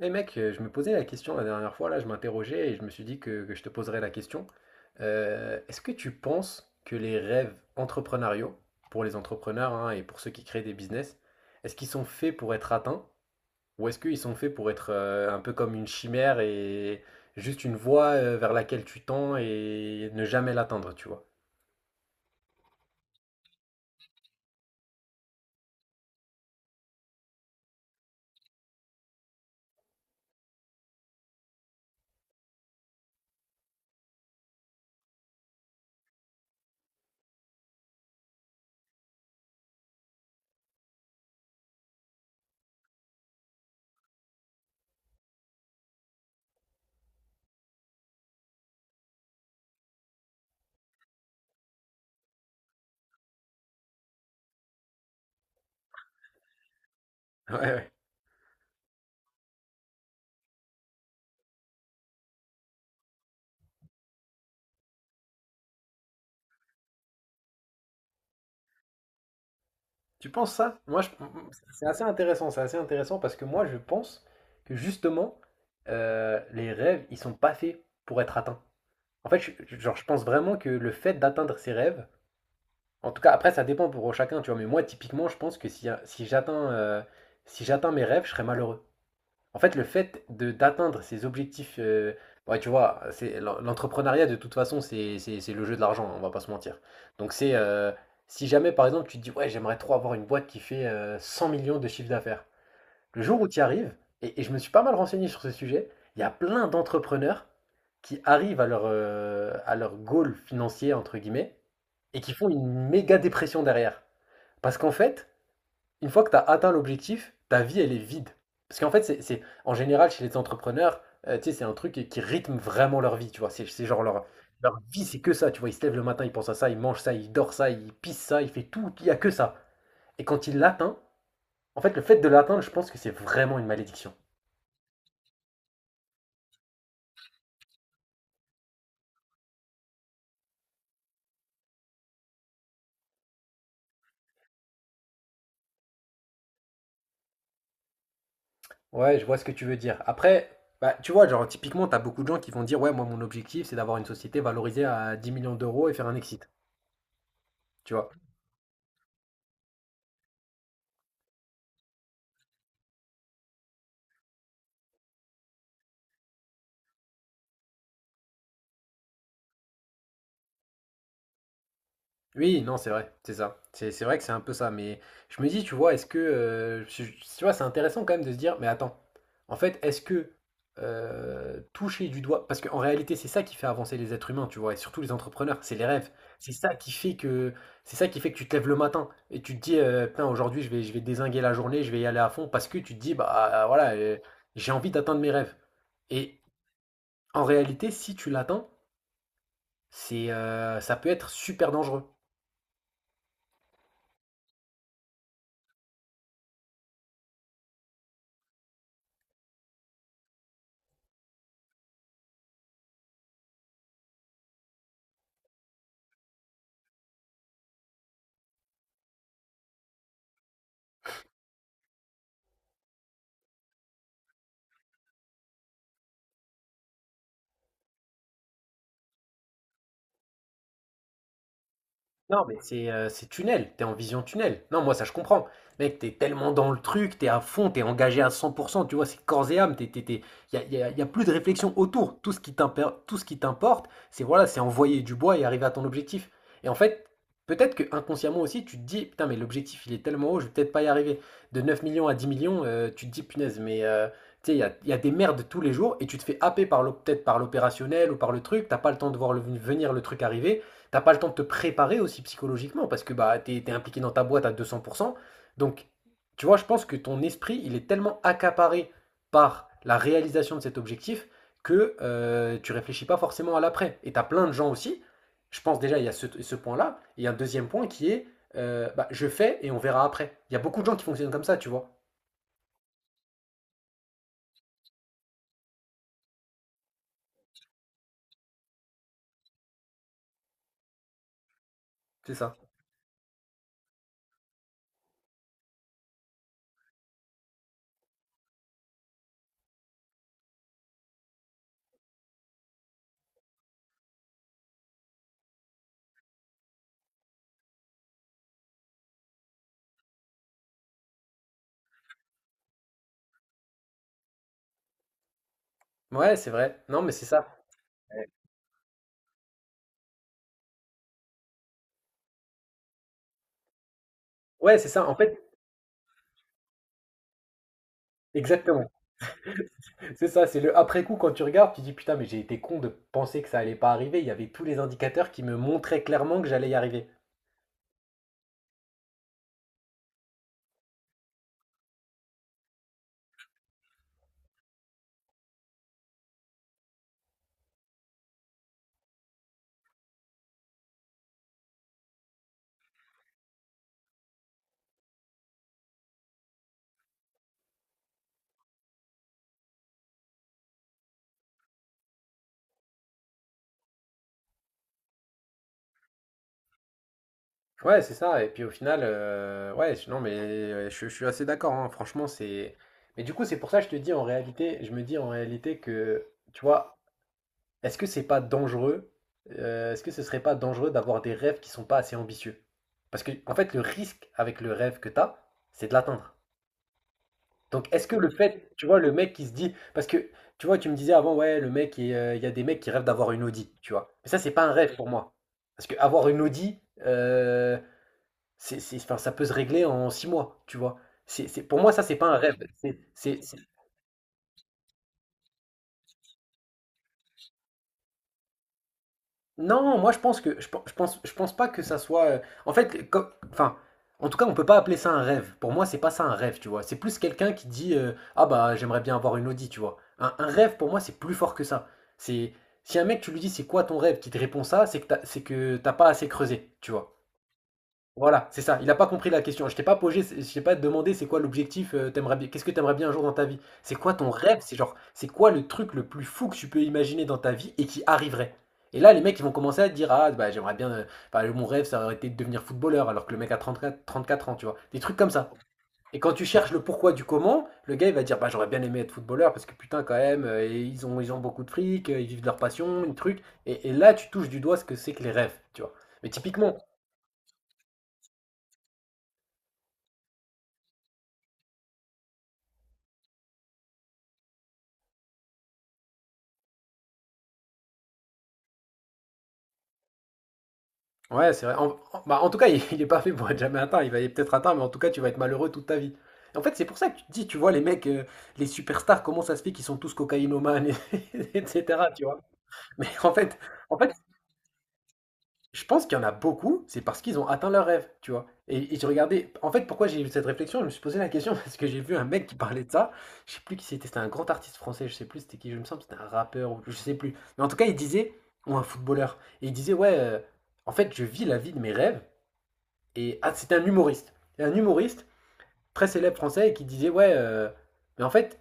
Eh mec, je me posais la question la dernière fois, là, je m'interrogeais et je me suis dit que je te poserais la question. Est-ce que tu penses que les rêves entrepreneuriaux, pour les entrepreneurs hein, et pour ceux qui créent des business, est-ce qu'ils sont faits pour être atteints ou est-ce qu'ils sont faits pour être un peu comme une chimère et juste une voie vers laquelle tu tends et ne jamais l'atteindre, tu vois? Ouais, ouais. Tu penses ça? Moi, je- c'est assez intéressant parce que moi, je pense que justement, les rêves, ils sont pas faits pour être atteints. En fait, genre, je pense vraiment que le fait d'atteindre ses rêves, en tout cas, après, ça dépend pour chacun, tu vois, mais moi, typiquement, je pense que si j'atteins mes rêves, je serais malheureux. En fait, le fait de d'atteindre ses objectifs, ouais, tu vois, c'est l'entrepreneuriat de toute façon, c'est le jeu de l'argent, hein, on va pas se mentir. Donc c'est si jamais par exemple tu te dis ouais, j'aimerais trop avoir une boîte qui fait 100 millions de chiffre d'affaires. Le jour où tu y arrives, et je me suis pas mal renseigné sur ce sujet, il y a plein d'entrepreneurs qui arrivent à leur goal financier entre guillemets et qui font une méga dépression derrière. Parce qu'en fait, une fois que tu as atteint l'objectif, ta vie, elle est vide. Parce qu'en fait, en général, chez les entrepreneurs, tu sais, c'est un truc qui rythme vraiment leur vie, tu vois. C'est genre leur vie, c'est que ça, tu vois. Ils se lèvent le matin, ils pensent à ça, ils mangent ça, ils dorment ça, ils pissent ça, ils font tout, il n'y a que ça. Et quand ils l'atteignent, en fait, le fait de l'atteindre, je pense que c'est vraiment une malédiction. Ouais, je vois ce que tu veux dire. Après, bah, tu vois, genre, typiquement, tu as beaucoup de gens qui vont dire, ouais, moi, mon objectif, c'est d'avoir une société valorisée à 10 millions d'euros et faire un exit, tu vois. Oui, non, c'est vrai, c'est ça. C'est vrai que c'est un peu ça. Mais je me dis, tu vois, est-ce que, tu vois, c'est intéressant quand même de se dire, mais attends, en fait, est-ce que toucher du doigt. Parce qu'en réalité, c'est ça qui fait avancer les êtres humains, tu vois, et surtout les entrepreneurs, c'est les rêves. C'est ça qui fait que. C'est ça qui fait que tu te lèves le matin et tu te dis, putain, aujourd'hui, je vais dézinguer la journée, je vais y aller à fond, parce que tu te dis, bah voilà, j'ai envie d'atteindre mes rêves. Et en réalité, si tu l'atteins, ça peut être super dangereux. Non, mais c'est tunnel, t'es en vision tunnel. Non, moi ça je comprends. Mec, t'es tellement dans le truc, t'es à fond, t'es engagé à 100%, tu vois, c'est corps et âme, y a plus de réflexion autour. Tout ce qui t'importe, c'est voilà, c'est envoyer du bois et arriver à ton objectif. Et en fait, peut-être que inconsciemment aussi, tu te dis, putain, mais l'objectif il est tellement haut, je vais peut-être pas y arriver. De 9 millions à 10 millions, tu te dis, punaise, mais tu sais, il y a des merdes tous les jours et tu te fais happer par peut-être par l'opérationnel ou par le truc, t'as pas le temps de voir venir le truc arriver. T'as pas le temps de te préparer aussi psychologiquement parce que bah, t'es impliqué dans ta boîte à 200%. Donc, tu vois, je pense que ton esprit, il est tellement accaparé par la réalisation de cet objectif que tu réfléchis pas forcément à l'après. Et t'as plein de gens aussi. Je pense déjà, il y a ce point-là. Et il y a un deuxième point qui est bah, je fais et on verra après. Il y a beaucoup de gens qui fonctionnent comme ça, tu vois. C'est ça. Ouais, c'est vrai. Non, mais c'est ça. Ouais, c'est ça. En fait, exactement. C'est ça, c'est le après-coup quand tu regardes, tu dis putain, mais j'ai été con de penser que ça allait pas arriver. Il y avait tous les indicateurs qui me montraient clairement que j'allais y arriver. Ouais, c'est ça. Et puis au final, ouais, non, mais je suis assez d'accord, hein. Franchement, c'est. Mais du coup, c'est pour ça que je te dis en réalité, je me dis en réalité que, tu vois, est-ce que c'est pas dangereux? Est-ce que ce serait pas dangereux d'avoir des rêves qui sont pas assez ambitieux? Parce que, en fait, le risque avec le rêve que t'as, c'est de l'atteindre. Donc, est-ce que le fait, tu vois, le mec qui se dit, parce que, tu vois, tu me disais avant, ouais, le mec, il y a des mecs qui rêvent d'avoir une Audi, tu vois. Mais ça, c'est pas un rêve pour moi. Parce que avoir une Audi, euh, enfin, ça peut se régler en 6 mois, tu vois. Pour moi, ça, c'est pas un rêve. C'est Non, moi je pense que je pense pas que ça soit, en fait, comme, enfin, en tout cas, on peut pas appeler ça un rêve. Pour moi, c'est pas ça un rêve, tu vois. C'est plus quelqu'un qui dit ah bah j'aimerais bien avoir une Audi, tu vois. Un rêve pour moi, c'est plus fort que ça. C'est si un mec tu lui dis c'est quoi ton rêve, qui te répond ça, c'est que t'as pas assez creusé, tu vois. Voilà, c'est ça. Il a pas compris la question. Je t'ai pas posé, je t'ai pas demandé c'est quoi l'objectif, t'aimerais bien, qu'est-ce que t'aimerais bien un jour dans ta vie? C'est quoi ton rêve? C'est genre, c'est quoi le truc le plus fou que tu peux imaginer dans ta vie et qui arriverait? Et là, les mecs, ils vont commencer à te dire, ah, bah, j'aimerais bien, bah, mon rêve, ça aurait été de devenir footballeur, alors que le mec a trente-quatre ans, tu vois. Des trucs comme ça. Et quand tu cherches le pourquoi du comment, le gars, il va dire, bah, j'aurais bien aimé être footballeur, parce que putain, quand même, et ils ont beaucoup de fric, ils vivent de leur passion, une truc. Et là, tu touches du doigt ce que c'est que les rêves, tu vois. Mais typiquement. Ouais, c'est vrai. Bah, en tout cas, il est pas fait pour être jamais atteint. Il va peut-être atteint, mais en tout cas, tu vas être malheureux toute ta vie. En fait, c'est pour ça que tu te dis, tu vois, les mecs, les superstars, comment ça se fait qu'ils sont tous cocaïnomanes, etc., tu vois. Mais en fait, je pense qu'il y en a beaucoup, c'est parce qu'ils ont atteint leur rêve, tu vois. Et j'ai regardé, en fait, pourquoi j'ai eu cette réflexion, je me suis posé la question, parce que j'ai vu un mec qui parlait de ça. Je sais plus qui c'était, c'était un grand artiste français, je sais plus c'était qui, je me sens, c'était un rappeur, ou je sais plus. Mais en tout cas, il disait, ou un footballeur, et il disait, ouais, en fait, je vis la vie de mes rêves. Et ah, c'était un humoriste, un humoriste très célèbre français qui disait: ouais, mais en fait,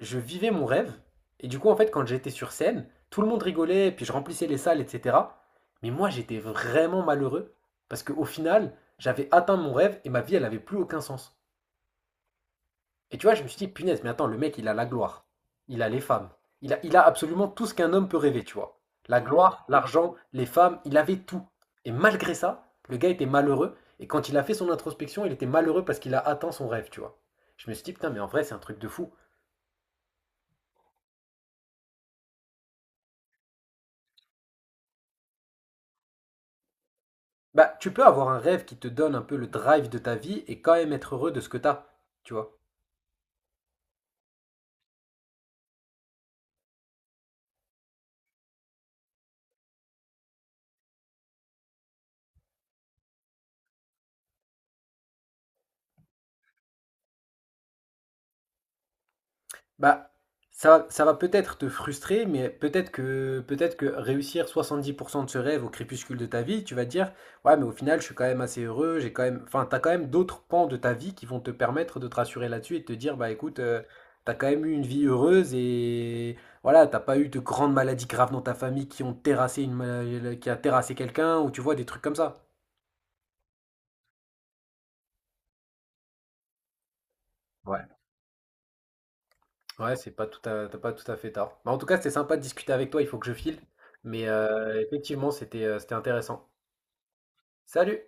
je vivais mon rêve. Et du coup, en fait, quand j'étais sur scène, tout le monde rigolait, puis je remplissais les salles, etc. Mais moi, j'étais vraiment malheureux parce qu'au final, j'avais atteint mon rêve et ma vie, elle n'avait plus aucun sens. Et tu vois, je me suis dit, punaise, mais attends, le mec, il a la gloire. Il a les femmes. Il a absolument tout ce qu'un homme peut rêver, tu vois. La gloire, l'argent, les femmes, il avait tout. Et malgré ça, le gars était malheureux. Et quand il a fait son introspection, il était malheureux parce qu'il a atteint son rêve, tu vois. Je me suis dit, putain, mais en vrai, c'est un truc de fou. Bah, tu peux avoir un rêve qui te donne un peu le drive de ta vie et quand même être heureux de ce que t'as, tu vois. Bah, ça va peut-être te frustrer, mais peut-être que réussir 70% de ce rêve au crépuscule de ta vie, tu vas te dire, ouais, mais au final, je suis quand même assez heureux, j'ai quand même, enfin, t'as quand même d'autres pans de ta vie qui vont te permettre de te rassurer là-dessus et de te dire, bah, écoute, t'as quand même eu une vie heureuse et voilà, t'as pas eu de grandes maladies graves dans ta famille qui ont terrassé qui a terrassé quelqu'un ou tu vois des trucs comme ça. Ouais. Ouais, c'est pas tout à, t'as pas tout à fait tard. Bah, en tout cas, c'était sympa de discuter avec toi, il faut que je file. Mais effectivement, c'était intéressant. Salut!